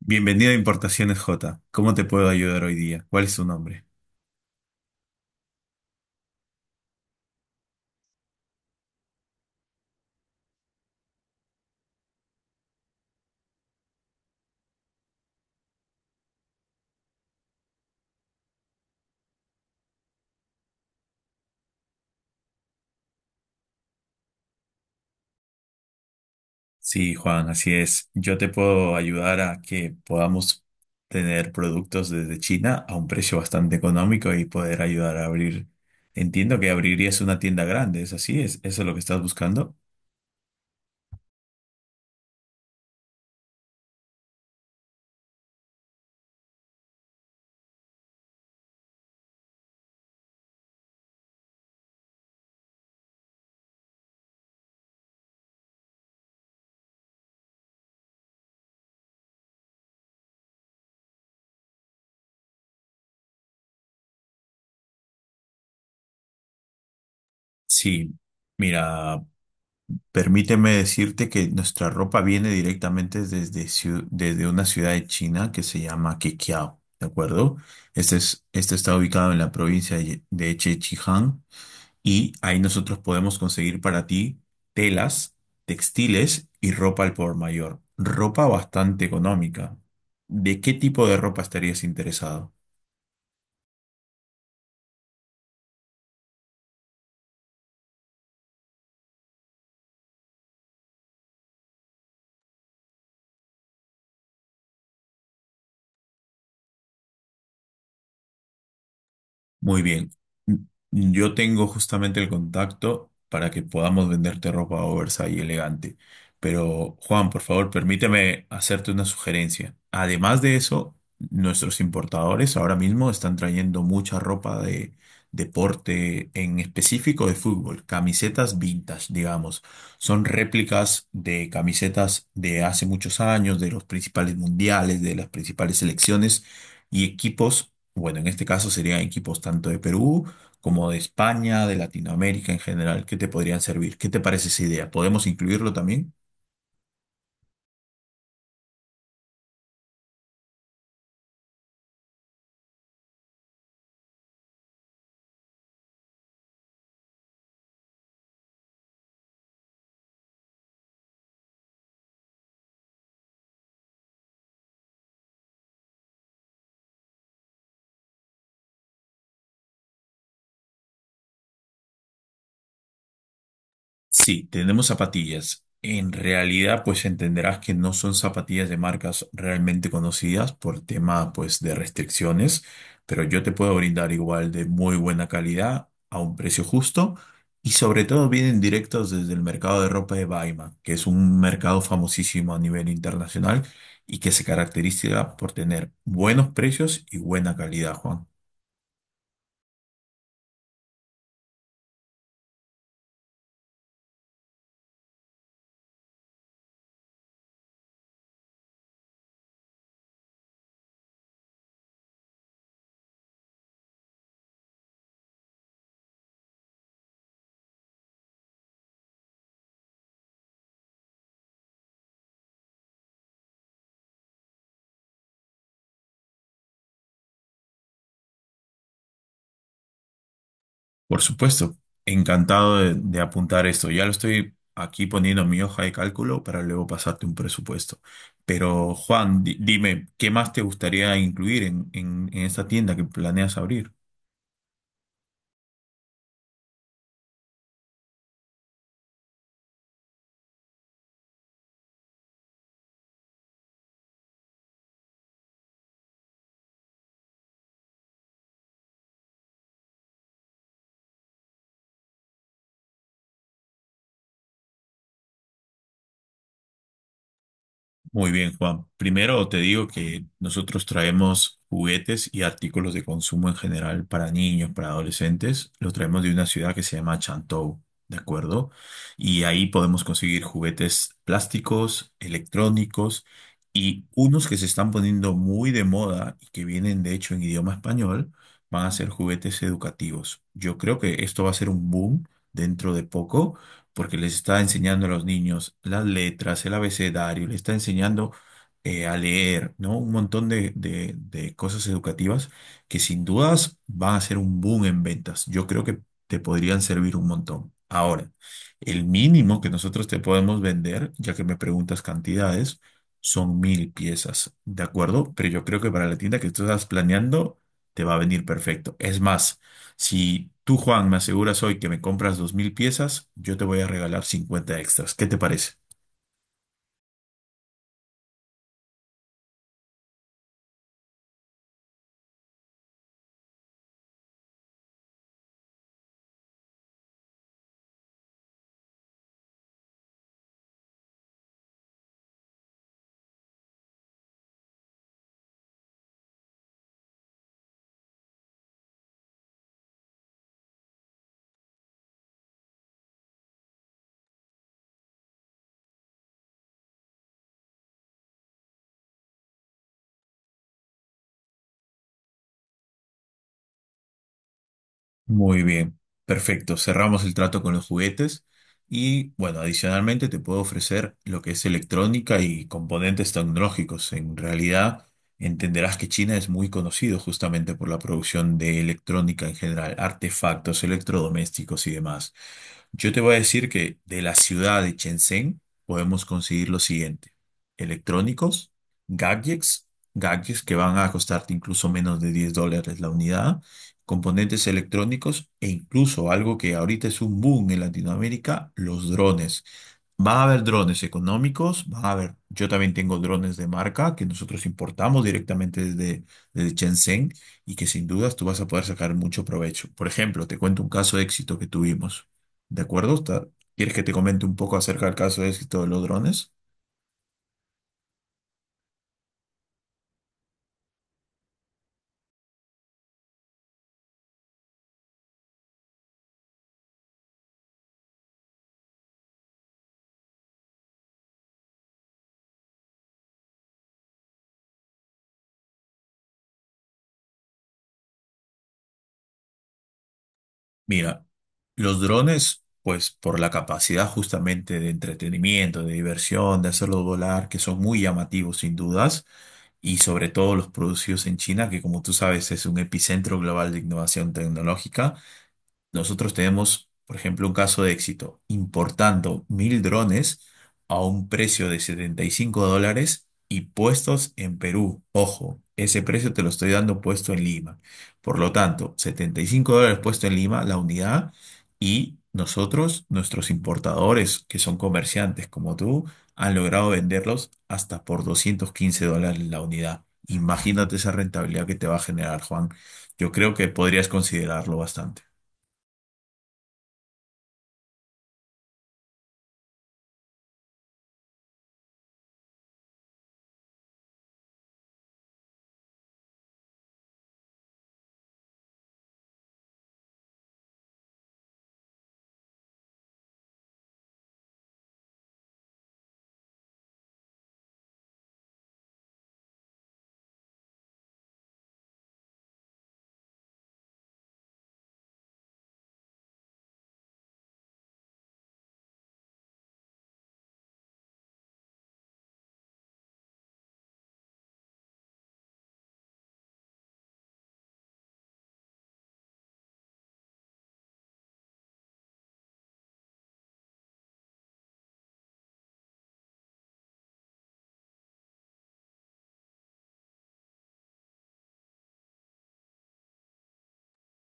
Bienvenido a Importaciones J. ¿Cómo te puedo ayudar hoy día? ¿Cuál es tu nombre? Sí, Juan, así es. Yo te puedo ayudar a que podamos tener productos desde China a un precio bastante económico y poder ayudar a abrir. Entiendo que abrirías una tienda grande, ¿es así? ¿Es eso lo que estás buscando? Sí, mira, permíteme decirte que nuestra ropa viene directamente desde una ciudad de China que se llama Qiqiao, ¿de acuerdo? Este, es, este está ubicado en la provincia de Chechijiang y ahí nosotros podemos conseguir para ti telas, textiles y ropa al por mayor. Ropa bastante económica. ¿De qué tipo de ropa estarías interesado? Muy bien. Yo tengo justamente el contacto para que podamos venderte ropa oversize y elegante. Pero, Juan, por favor, permíteme hacerte una sugerencia. Además de eso, nuestros importadores ahora mismo están trayendo mucha ropa de deporte, en específico de fútbol, camisetas vintage, digamos. Son réplicas de camisetas de hace muchos años, de los principales mundiales, de las principales selecciones y equipos bueno, en este caso serían equipos tanto de Perú como de España, de Latinoamérica en general, que te podrían servir. ¿Qué te parece esa idea? ¿Podemos incluirlo también? Sí, tenemos zapatillas. En realidad, pues entenderás que no son zapatillas de marcas realmente conocidas por tema, pues, de restricciones, pero yo te puedo brindar igual de muy buena calidad a un precio justo y sobre todo vienen directos desde el mercado de ropa de Baima, que es un mercado famosísimo a nivel internacional y que se caracteriza por tener buenos precios y buena calidad, Juan. Por supuesto, encantado de apuntar esto. Ya lo estoy aquí poniendo en mi hoja de cálculo para luego pasarte un presupuesto. Pero Juan, dime, ¿qué más te gustaría incluir en esta tienda que planeas abrir? Muy bien, Juan. Primero te digo que nosotros traemos juguetes y artículos de consumo en general para niños, para adolescentes. Los traemos de una ciudad que se llama Chantou, ¿de acuerdo? Y ahí podemos conseguir juguetes plásticos, electrónicos y unos que se están poniendo muy de moda y que vienen de hecho en idioma español, van a ser juguetes educativos. Yo creo que esto va a ser un boom dentro de poco porque les está enseñando a los niños las letras, el abecedario, les está enseñando a leer, ¿no? Un montón de cosas educativas que sin dudas van a ser un boom en ventas. Yo creo que te podrían servir un montón. Ahora, el mínimo que nosotros te podemos vender, ya que me preguntas cantidades, son 1000 piezas, ¿de acuerdo? Pero yo creo que para la tienda que tú estás planeando, te va a venir perfecto. Es más, si tú, Juan, me aseguras hoy que me compras 2000 piezas, yo te voy a regalar 50 extras. ¿Qué te parece? Muy bien, perfecto. Cerramos el trato con los juguetes y, bueno, adicionalmente te puedo ofrecer lo que es electrónica y componentes tecnológicos. En realidad, entenderás que China es muy conocido justamente por la producción de electrónica en general, artefactos, electrodomésticos y demás. Yo te voy a decir que de la ciudad de Shenzhen podemos conseguir lo siguiente: electrónicos, gadgets, gadgets que van a costarte incluso menos de $10 la unidad, componentes electrónicos e incluso algo que ahorita es un boom en Latinoamérica, los drones. Van a haber drones económicos, van a haber, yo también tengo drones de marca que nosotros importamos directamente desde Shenzhen y que sin dudas tú vas a poder sacar mucho provecho. Por ejemplo, te cuento un caso de éxito que tuvimos. ¿De acuerdo? ¿Quieres que te comente un poco acerca del caso de éxito de los drones? Mira, los drones, pues por la capacidad justamente de entretenimiento, de diversión, de hacerlos volar, que son muy llamativos sin dudas, y sobre todo los producidos en China, que como tú sabes es un epicentro global de innovación tecnológica. Nosotros tenemos, por ejemplo, un caso de éxito, importando 1000 drones a un precio de $75 y puestos en Perú. Ojo, ese precio te lo estoy dando puesto en Lima. Por lo tanto, $75 puesto en Lima, la unidad, y nosotros, nuestros importadores, que son comerciantes como tú, han logrado venderlos hasta por $215 la unidad. Imagínate esa rentabilidad que te va a generar, Juan. Yo creo que podrías considerarlo bastante.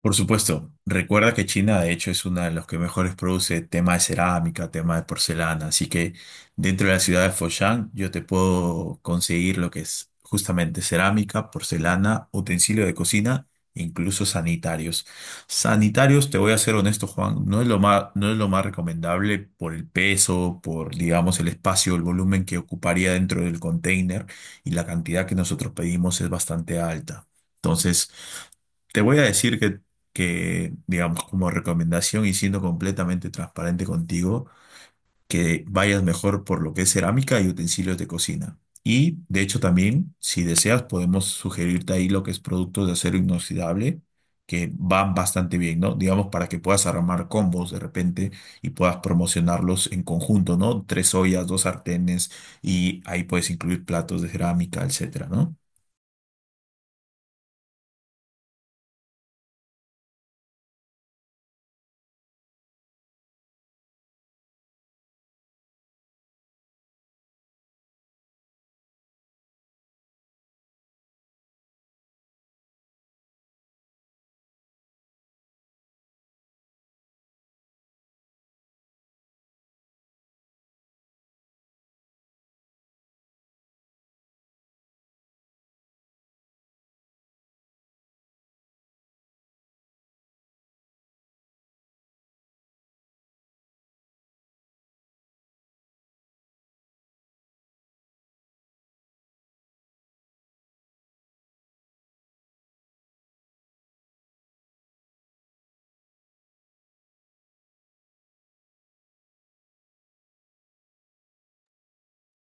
Por supuesto, recuerda que China de hecho es una de las que mejores produce tema de cerámica, tema de porcelana, así que dentro de la ciudad de Foshan yo te puedo conseguir lo que es justamente cerámica, porcelana, utensilio de cocina, e incluso sanitarios. Sanitarios, te voy a ser honesto, Juan, no es lo más recomendable por el peso, por digamos el espacio, el volumen que ocuparía dentro del container y la cantidad que nosotros pedimos es bastante alta. Entonces, te voy a decir que digamos, como recomendación y siendo completamente transparente contigo, que vayas mejor por lo que es cerámica y utensilios de cocina. Y, de hecho, también, si deseas, podemos sugerirte ahí lo que es productos de acero inoxidable, que van bastante bien, ¿no? Digamos, para que puedas armar combos de repente y puedas promocionarlos en conjunto, ¿no? Tres ollas, dos sartenes y ahí puedes incluir platos de cerámica, etcétera, ¿no?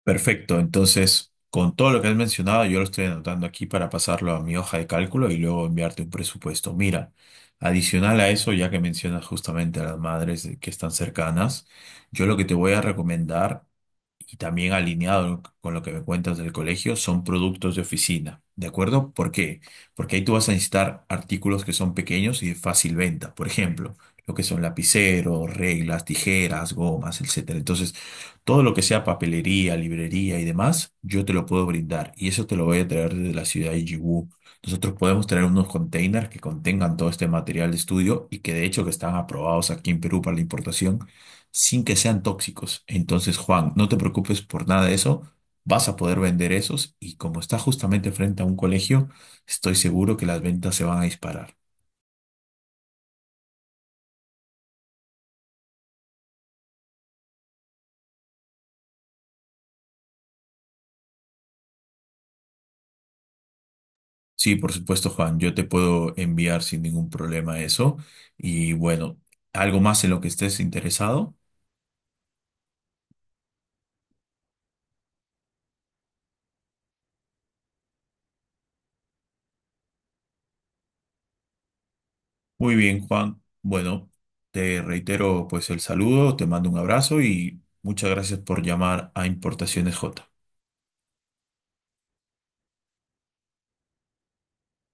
Perfecto, entonces con todo lo que has mencionado yo lo estoy anotando aquí para pasarlo a mi hoja de cálculo y luego enviarte un presupuesto. Mira, adicional a eso, ya que mencionas justamente a las madres que están cercanas, yo lo que te voy a recomendar y también alineado con lo que me cuentas del colegio, son productos de oficina, ¿de acuerdo? ¿Por qué? Porque ahí tú vas a necesitar artículos que son pequeños y de fácil venta, por ejemplo, lo que son lapiceros, reglas, tijeras, gomas, etcétera. Entonces, todo lo que sea papelería, librería y demás, yo te lo puedo brindar y eso te lo voy a traer desde la ciudad de Yiwu. Nosotros podemos traer unos containers que contengan todo este material de estudio y que de hecho que están aprobados aquí en Perú para la importación sin que sean tóxicos. Entonces, Juan, no te preocupes por nada de eso. Vas a poder vender esos y como está justamente frente a un colegio, estoy seguro que las ventas se van a disparar. Sí, por supuesto, Juan. Yo te puedo enviar sin ningún problema eso. Y bueno, algo más en lo que estés interesado. Muy bien, Juan. Bueno, te reitero pues el saludo, te mando un abrazo y muchas gracias por llamar a Importaciones J.